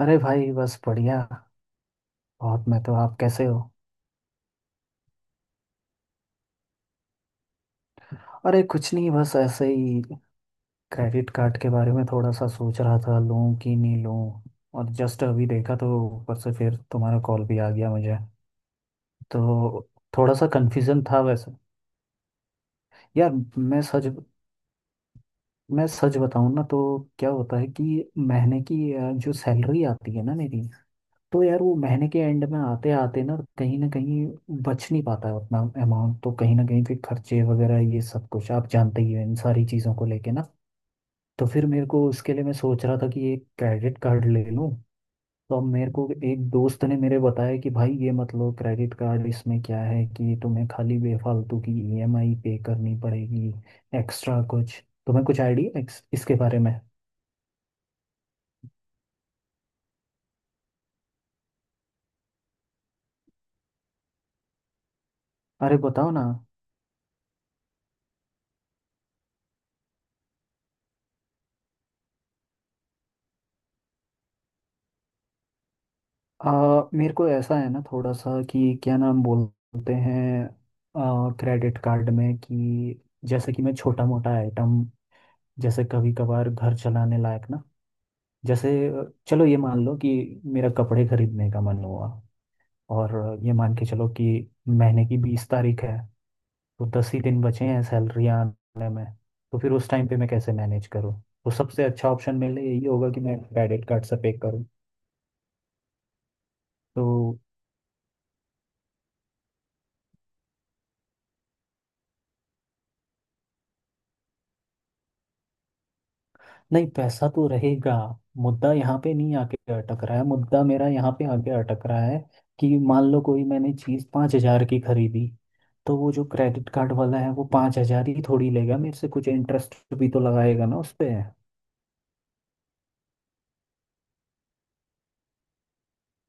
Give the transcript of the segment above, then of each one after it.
अरे भाई बस बढ़िया बहुत। मैं तो आप कैसे हो। अरे कुछ नहीं बस ऐसे ही। क्रेडिट कार्ड के बारे में थोड़ा सा सोच रहा था लूं कि नहीं लूं। और जस्ट अभी देखा तो ऊपर से फिर तुम्हारा कॉल भी आ गया मुझे। तो थोड़ा सा कंफ्यूजन था वैसे यार। मैं सच मैं सच बताऊं ना तो क्या होता है कि महीने की जो सैलरी आती है ना मेरी, तो यार वो महीने के एंड में आते आते ना कहीं बच नहीं पाता है उतना अमाउंट। तो कहीं ना कहीं फिर खर्चे वगैरह ये सब कुछ आप जानते ही हो इन सारी चीज़ों को लेके ना। तो फिर मेरे को उसके लिए मैं सोच रहा था कि एक क्रेडिट कार्ड ले लूँ। तो अब मेरे को एक दोस्त ने मेरे बताया कि भाई ये मत लो क्रेडिट कार्ड, इसमें क्या है कि तुम्हें खाली बेफालतू की ईएमआई पे करनी पड़ेगी एक्स्ट्रा कुछ। तुम्हें कुछ आइडिया है इसके बारे में? अरे बताओ ना। मेरे को ऐसा है ना थोड़ा सा कि क्या नाम बोलते हैं, क्रेडिट कार्ड में कि जैसे कि मैं छोटा मोटा आइटम, जैसे कभी कभार घर चलाने लायक ना, जैसे चलो ये मान लो कि मेरा कपड़े खरीदने का मन हुआ, और ये मान के चलो कि महीने की 20 तारीख है, तो 10 ही दिन बचे हैं सैलरी आने में, तो फिर उस टाइम पे मैं कैसे मैनेज करूँ। तो सबसे अच्छा ऑप्शन मेरे लिए यही होगा कि मैं क्रेडिट कार्ड से पे करूँ। तो नहीं, पैसा तो रहेगा। मुद्दा यहाँ पे नहीं आके अटक रहा है, मुद्दा मेरा यहाँ पे आके अटक रहा है कि मान लो कोई मैंने चीज़ 5,000 की खरीदी, तो वो जो क्रेडिट कार्ड वाला है वो 5,000 ही थोड़ी लेगा मेरे से, कुछ इंटरेस्ट भी तो लगाएगा ना उस पे।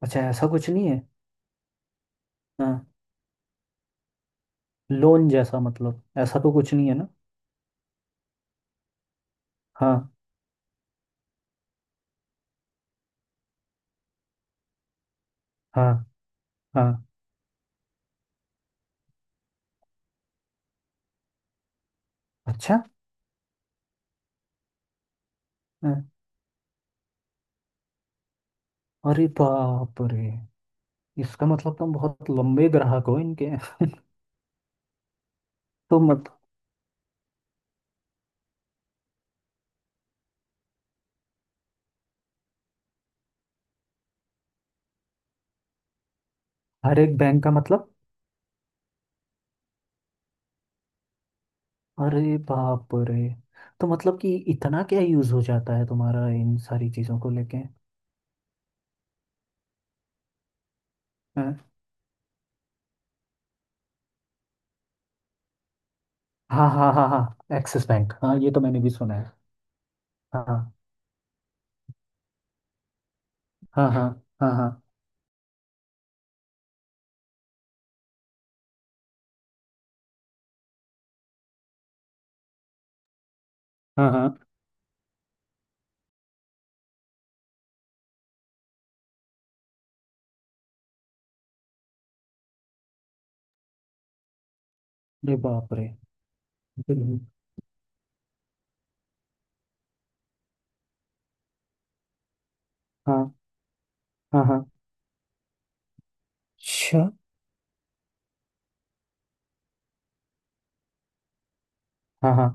अच्छा, ऐसा कुछ नहीं है। हाँ। लोन जैसा मतलब ऐसा तो कुछ नहीं है ना। हाँ हाँ हाँ। अच्छा। हाँ। अरे बाप रे। इसका मतलब तुम बहुत लंबे ग्राहक हो इनके तो मत हर एक बैंक का मतलब? अरे बाप रे। तो मतलब कि इतना क्या यूज हो जाता है तुम्हारा इन सारी चीजों को लेके हैं? हाँ हाँ हाँ हाँ, एक्सिस बैंक हाँ, ये तो मैंने भी सुना है। हाँ हाँ हाँ हाँ हाँ हाँ हाँ। अरे बाप रे। हम्म। हाँ हाँ हाँ। अच्छा। हाँ हाँ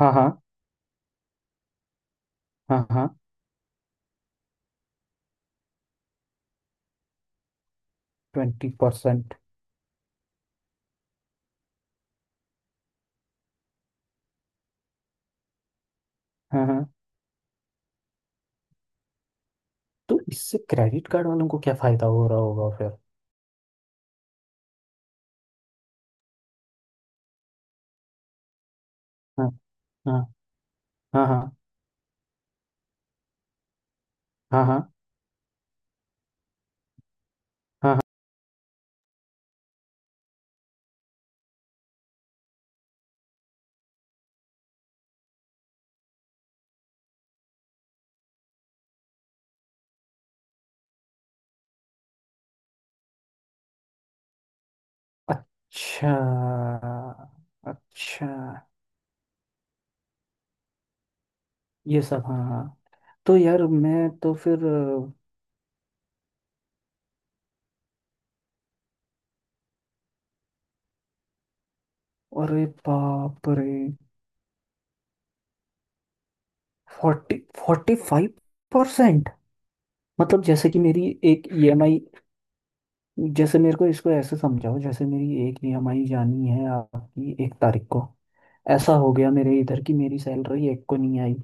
हाँ हाँ हाँ हाँ। 20%। हाँ हाँ। तो इससे क्रेडिट कार्ड वालों को क्या फायदा हो रहा होगा फिर? हाँ। हाँ। हाँ हाँ। हाँ हाँ हाँ हाँ। अच्छा। अच्छा। ये सब हाँ हाँ। तो यार मैं तो फिर अरे बाप रे। फोर्टी 45%? मतलब जैसे कि मेरी एक ईएमआई, जैसे मेरे को इसको ऐसे समझाओ, जैसे मेरी एक ईएमआई जानी है आपकी 1 तारीख को, ऐसा हो गया मेरे इधर की मेरी सैलरी एक को नहीं आई,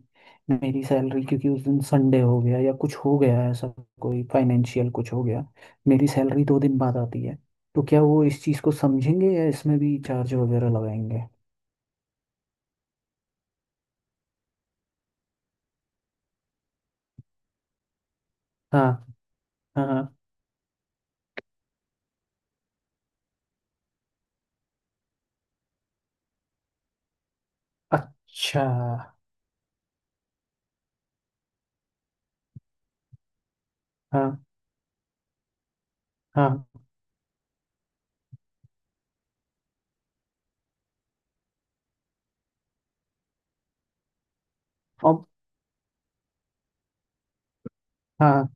मेरी सैलरी क्योंकि उस दिन संडे हो गया या कुछ हो गया ऐसा, कोई फाइनेंशियल कुछ हो गया, मेरी सैलरी 2 दिन बाद आती है, तो क्या वो इस चीज़ को समझेंगे या इसमें भी चार्ज वगैरह लगाएंगे? हाँ हाँ हाँ। अच्छा। हाँ हाँ। अब हाँ।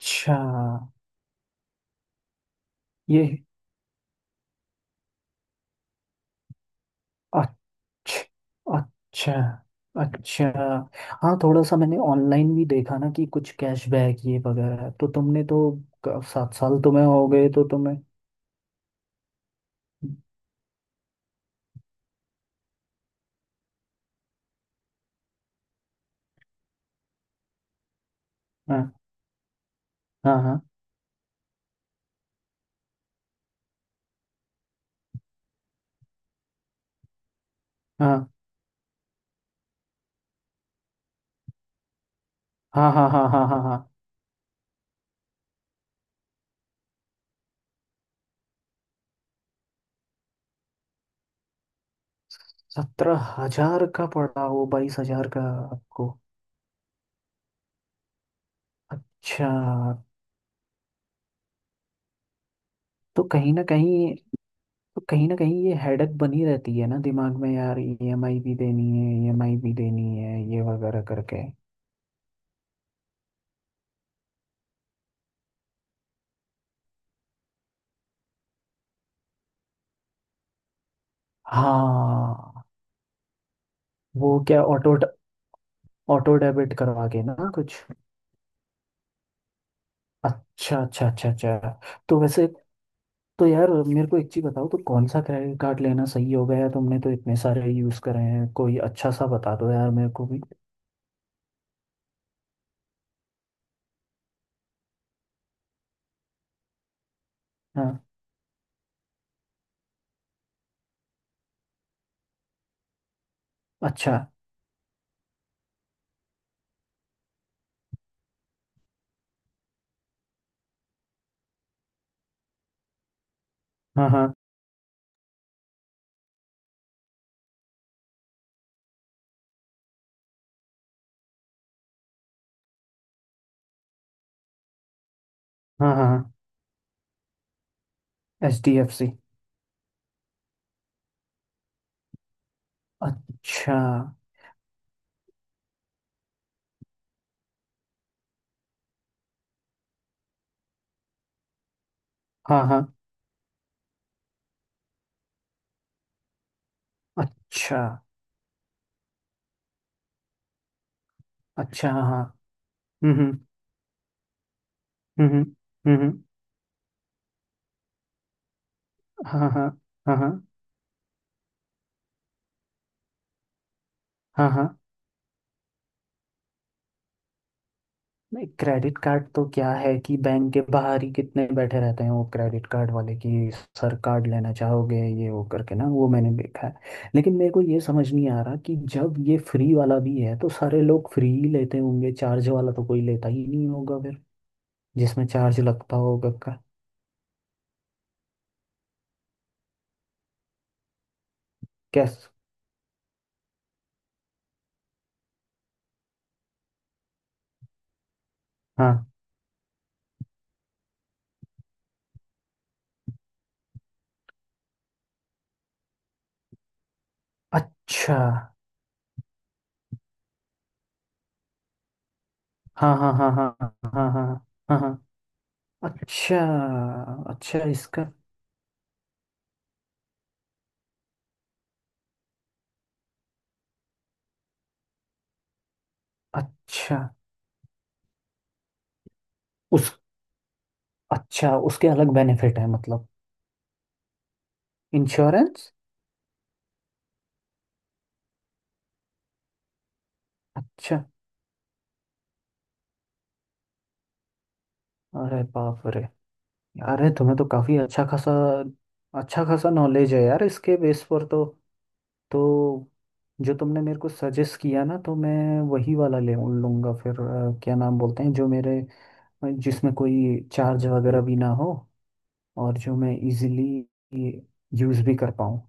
अच्छा। ये अच्छा अच्छा अच्छा। हाँ, थोड़ा सा मैंने ऑनलाइन भी देखा ना कि कुछ कैशबैक ये वगैरह, तो तुमने तो 7 साल तुम्हें हो गए तो तुम्हें। हाँ हाँ हाँ हाँ हाँ हाँ हाँ हाँ हाँ हाँ। 17,000 का पड़ा वो 22,000 का आपको? अच्छा। तो कहीं ना कहीं, तो कहीं ना कहीं ये हेडक बनी रहती है ना दिमाग में यार, ईएमआई भी देनी है, ईएमआई भी देनी है ये वगैरह करके। हाँ। वो क्या ऑटो, ऑटो डेबिट करवा के ना कुछ? अच्छा अच्छा अच्छा अच्छा। तो वैसे, तो यार मेरे को एक चीज़ बताओ, तो कौन सा क्रेडिट कार्ड लेना सही होगा यार, तुमने तो इतने सारे यूज़ करे हैं, कोई अच्छा सा बता दो यार मेरे को भी। हाँ। अच्छा। हाँ हाँ हाँ हाँ। H D F C? अच्छा। हाँ हाँ। अच्छा अच्छा। हाँ हाँ। हम्म हम्म। हम्म हम्म। हाँ हाँ हाँ हाँ हाँ हाँ। नहीं, क्रेडिट कार्ड तो क्या है कि बैंक के बाहर ही कितने बैठे रहते हैं वो क्रेडिट कार्ड वाले की, सर कार्ड लेना चाहोगे ये वो करके ना, वो मैंने देखा है। लेकिन मेरे को ये समझ नहीं आ रहा कि जब ये फ्री वाला भी है तो सारे लोग फ्री ही लेते होंगे, चार्ज वाला तो कोई लेता ही नहीं होगा फिर, जिसमें चार्ज लगता होगा का। कैस हाँ। अच्छा। हाँ हाँ हाँ हाँ हाँ हाँ हाँ हाँ हाँ। अच्छा। अच्छा इसका अच्छा उस अच्छा, उसके अलग बेनिफिट है मतलब? इंश्योरेंस? अच्छा। अरे बाप रे। यार है तुम्हें तो काफी अच्छा खासा, अच्छा खासा नॉलेज है यार, इसके बेस पर तो। तो जो तुमने मेरे को सजेस्ट किया ना, तो मैं वही वाला ले लूंगा फिर क्या नाम बोलते हैं जो मेरे, जिसमें कोई चार्ज वगैरह भी ना हो, और जो मैं इजीली यूज भी कर पाऊँ।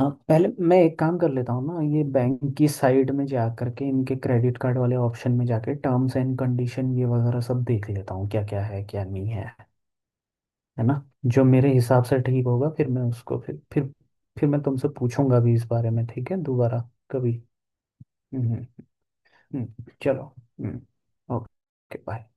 हाँ, पहले मैं एक काम कर लेता हूँ ना, ये बैंक की साइड में जा करके इनके क्रेडिट कार्ड वाले ऑप्शन में जाके टर्म्स एंड कंडीशन ये वगैरह सब देख लेता हूँ, क्या क्या है क्या नहीं है। है ना, जो मेरे हिसाब से ठीक होगा, फिर मैं उसको फिर मैं तुमसे पूछूंगा भी इस बारे में। ठीक है, दोबारा कभी। हम्म। हम्म। चलो। हम्म। Okay bye.